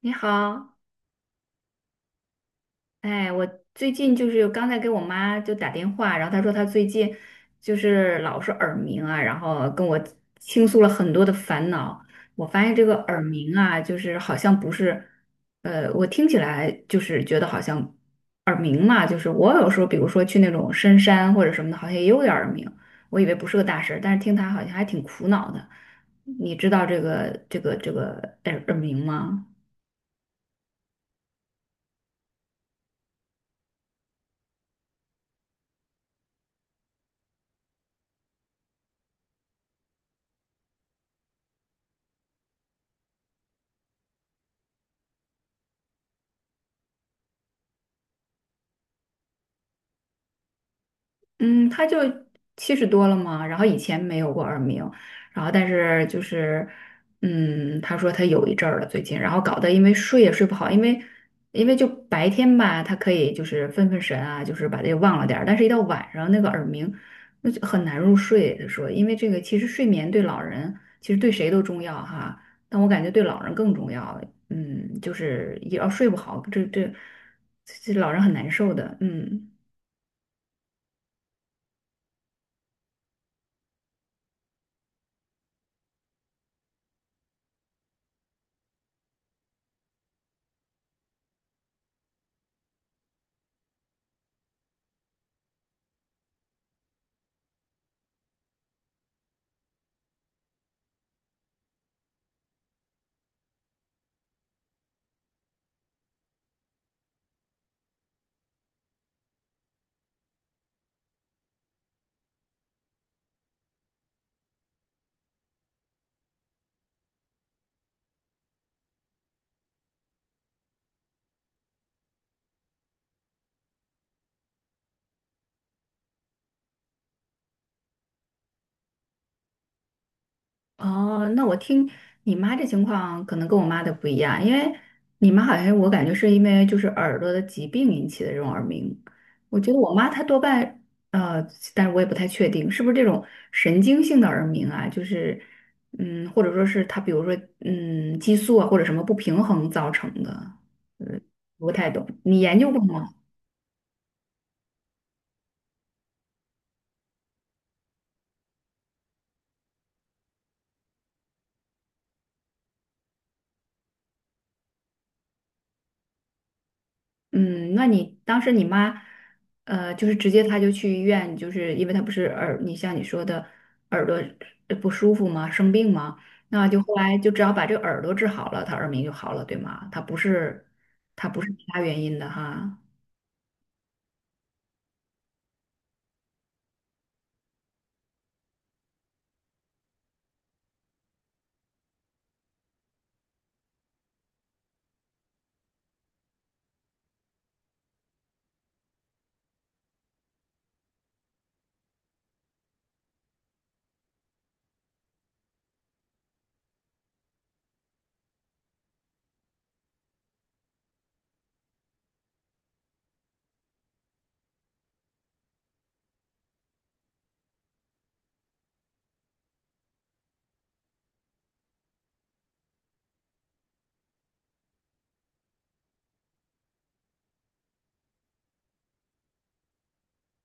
你好，哎，我最近就是刚才给我妈就打电话，然后她说她最近就是老是耳鸣啊，然后跟我倾诉了很多的烦恼。我发现这个耳鸣啊，就是好像不是，我听起来就是觉得好像耳鸣嘛，就是我有时候比如说去那种深山或者什么的，好像也有点耳鸣，我以为不是个大事儿，但是听她好像还挺苦恼的。你知道这个耳鸣吗？嗯，他就七十多了嘛，然后以前没有过耳鸣，然后但是就是，嗯，他说他有一阵儿了最近，然后搞得因为睡也睡不好，因为就白天吧，他可以就是分分神啊，就是把这个忘了点儿，但是一到晚上那个耳鸣，那就很难入睡。他说，因为这个其实睡眠对老人其实对谁都重要哈，但我感觉对老人更重要。嗯，就是也要睡不好，这老人很难受的，嗯。哦，那我听你妈这情况可能跟我妈的不一样，因为你妈好像我感觉是因为就是耳朵的疾病引起的这种耳鸣，我觉得我妈她多半呃，但是我也不太确定是不是这种神经性的耳鸣啊，就是嗯，或者说是她比如说嗯激素啊或者什么不平衡造成的，嗯，不太懂，你研究过吗？嗯，那你当时你妈，就是直接她就去医院，就是因为她不是耳，你像你说的耳朵不舒服吗？生病吗？那就后来就只要把这个耳朵治好了，她耳鸣就好了，对吗？她不是，她不是其他原因的哈。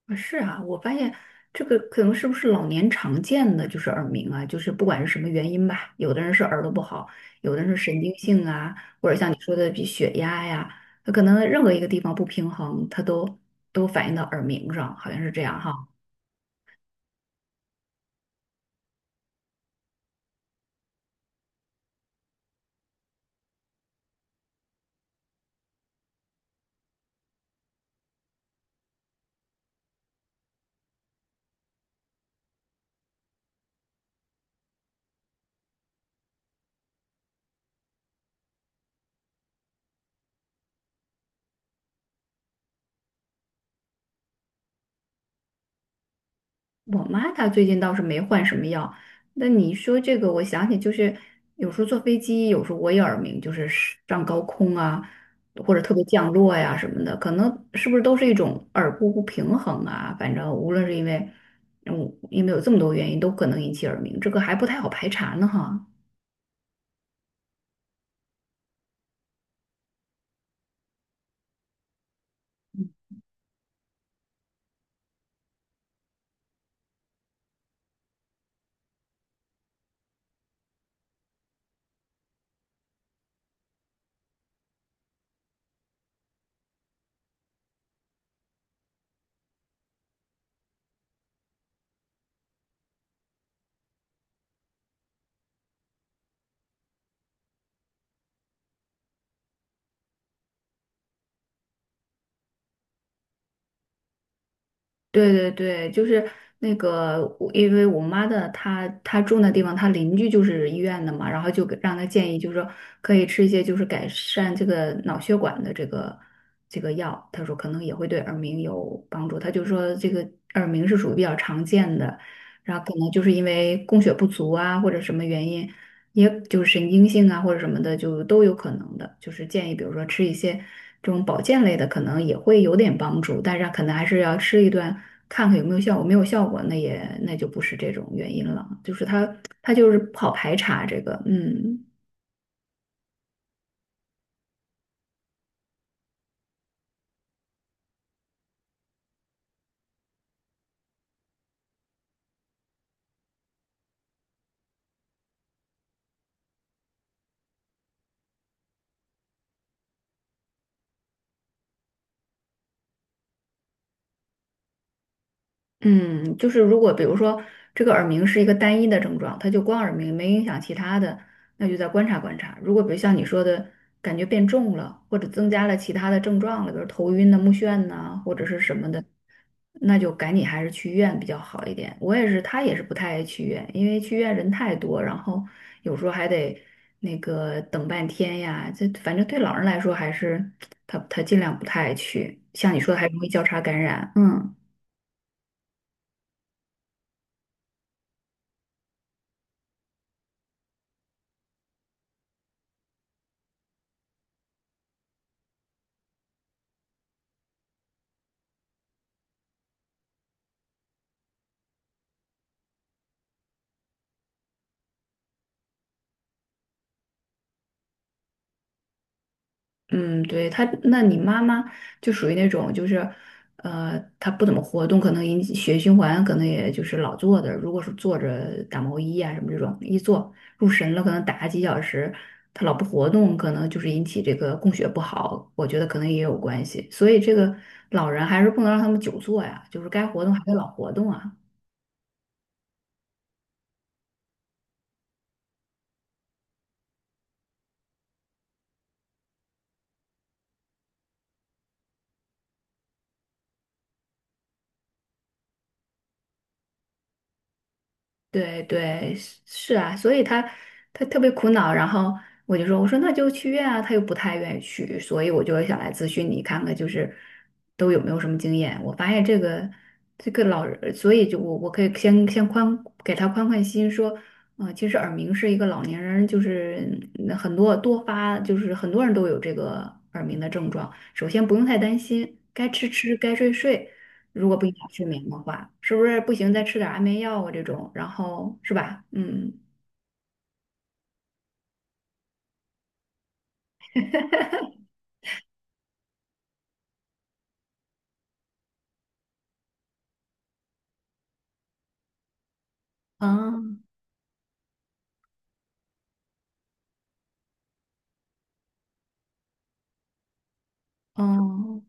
啊是啊，我发现这个可能是不是老年常见的就是耳鸣啊，就是不管是什么原因吧，有的人是耳朵不好，有的人是神经性啊，或者像你说的比血压呀，他可能任何一个地方不平衡，他都反映到耳鸣上，好像是这样哈。我妈她最近倒是没换什么药。那你说这个，我想起就是有时候坐飞机，有时候我也耳鸣，就是上高空啊，或者特别降落呀、什么的，可能是不是都是一种耳部不平衡啊？反正无论是因为，嗯，因为有这么多原因，都可能引起耳鸣，这个还不太好排查呢哈。对对对，就是那个我，因为我妈的她住那地方，她邻居就是医院的嘛，然后就给让她建议，就是说可以吃一些就是改善这个脑血管的这个药，她说可能也会对耳鸣有帮助。她就说这个耳鸣是属于比较常见的，然后可能就是因为供血不足啊或者什么原因，也就是神经性啊或者什么的，就都有可能的。就是建议，比如说吃一些这种保健类的，可能也会有点帮助，但是可能还是要吃一段，看看有没有效果。没有效果，那也那就不是这种原因了，就是它就是不好排查这个，嗯。嗯，就是如果比如说这个耳鸣是一个单一的症状，它就光耳鸣没影响其他的，那就再观察观察。如果比如像你说的，感觉变重了，或者增加了其他的症状了，比如头晕呐、目眩呐、或者是什么的，那就赶紧还是去医院比较好一点。我也是，他也是不太爱去医院，因为去医院人太多，然后有时候还得那个等半天呀。这反正对老人来说，还是他尽量不太爱去。像你说的，还容易交叉感染，嗯。嗯，对，他，那你妈妈就属于那种，就是，呃，她不怎么活动，可能引起血液循环，可能也就是老坐着。如果是坐着打毛衣啊什么这种，一坐入神了，可能打几小时，她老不活动，可能就是引起这个供血不好，我觉得可能也有关系。所以这个老人还是不能让他们久坐呀，就是该活动还得老活动啊。对对，是是啊，所以他他特别苦恼，然后我就说，我说那就去医院啊，他又不太愿意去，所以我就想来咨询你看看，就是都有没有什么经验。我发现这个这个老人，所以就我可以先宽给他宽宽心，说，其实耳鸣是一个老年人，就是嗯很多多发，就是很多人都有这个耳鸣的症状。首先不用太担心，该吃吃，该睡睡。如果不影响睡眠的话，是不是不行再吃点安眠药啊这种？然后是吧？嗯，啊，哦，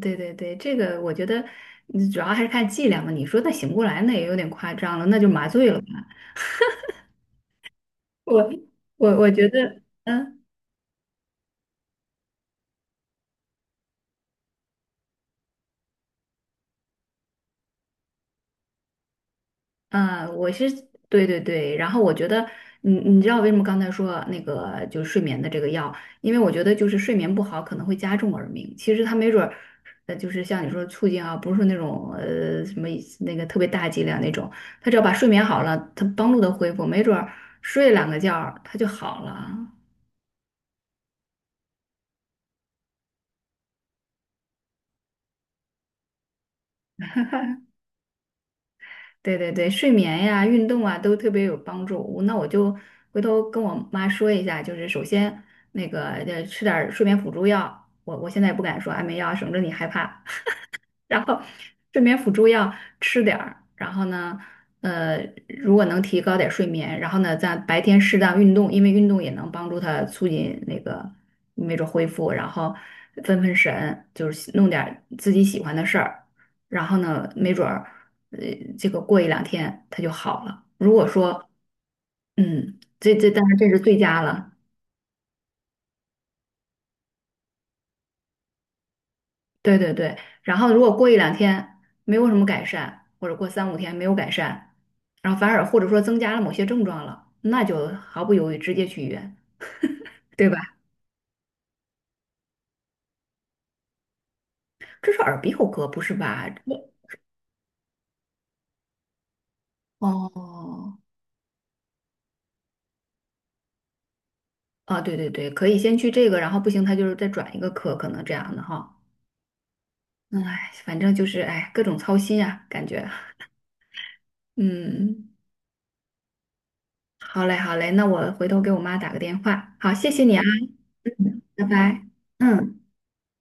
对对对，这个我觉得嗯主要还是看剂量嘛。你说那醒不过来，那也有点夸张了，那就麻醉了吧？我我觉得。嗯。嗯，我是对对对，然后我觉得，你你知道为什么刚才说那个就是睡眠的这个药？因为我觉得就是睡眠不好可能会加重耳鸣，其实它没准儿，就是像你说促进啊，不是说那种什么那个特别大剂量那种，它只要把睡眠好了，它帮助它恢复，没准儿睡两个觉儿它就好了。对对对，睡眠呀、运动啊都特别有帮助。我那我就回头跟我妈说一下，就是首先那个吃点儿睡眠辅助药，我现在不敢说安眠药，省着你害怕。然后睡眠辅助药吃点儿，然后呢，呃，如果能提高点睡眠，然后呢，在白天适当运动，因为运动也能帮助他促进那个没准恢复，然后分分神，就是弄点儿自己喜欢的事儿，然后呢，没准儿，呃，这个过一两天他就好了。如果说，嗯，这这当然这是最佳了。对对对，然后如果过一两天没有什么改善，或者过三五天没有改善，然后反而或者说增加了某些症状了，那就毫不犹豫直接去医院，对吧？这是耳鼻喉科，不是吧？这哦，啊，对对对，可以先去这个，然后不行，他就是再转一个科，可能这样的哈。嗯哎，反正就是哎，各种操心啊，感觉。嗯，好嘞好嘞，那我回头给我妈打个电话。好，谢谢你啊，拜拜。嗯。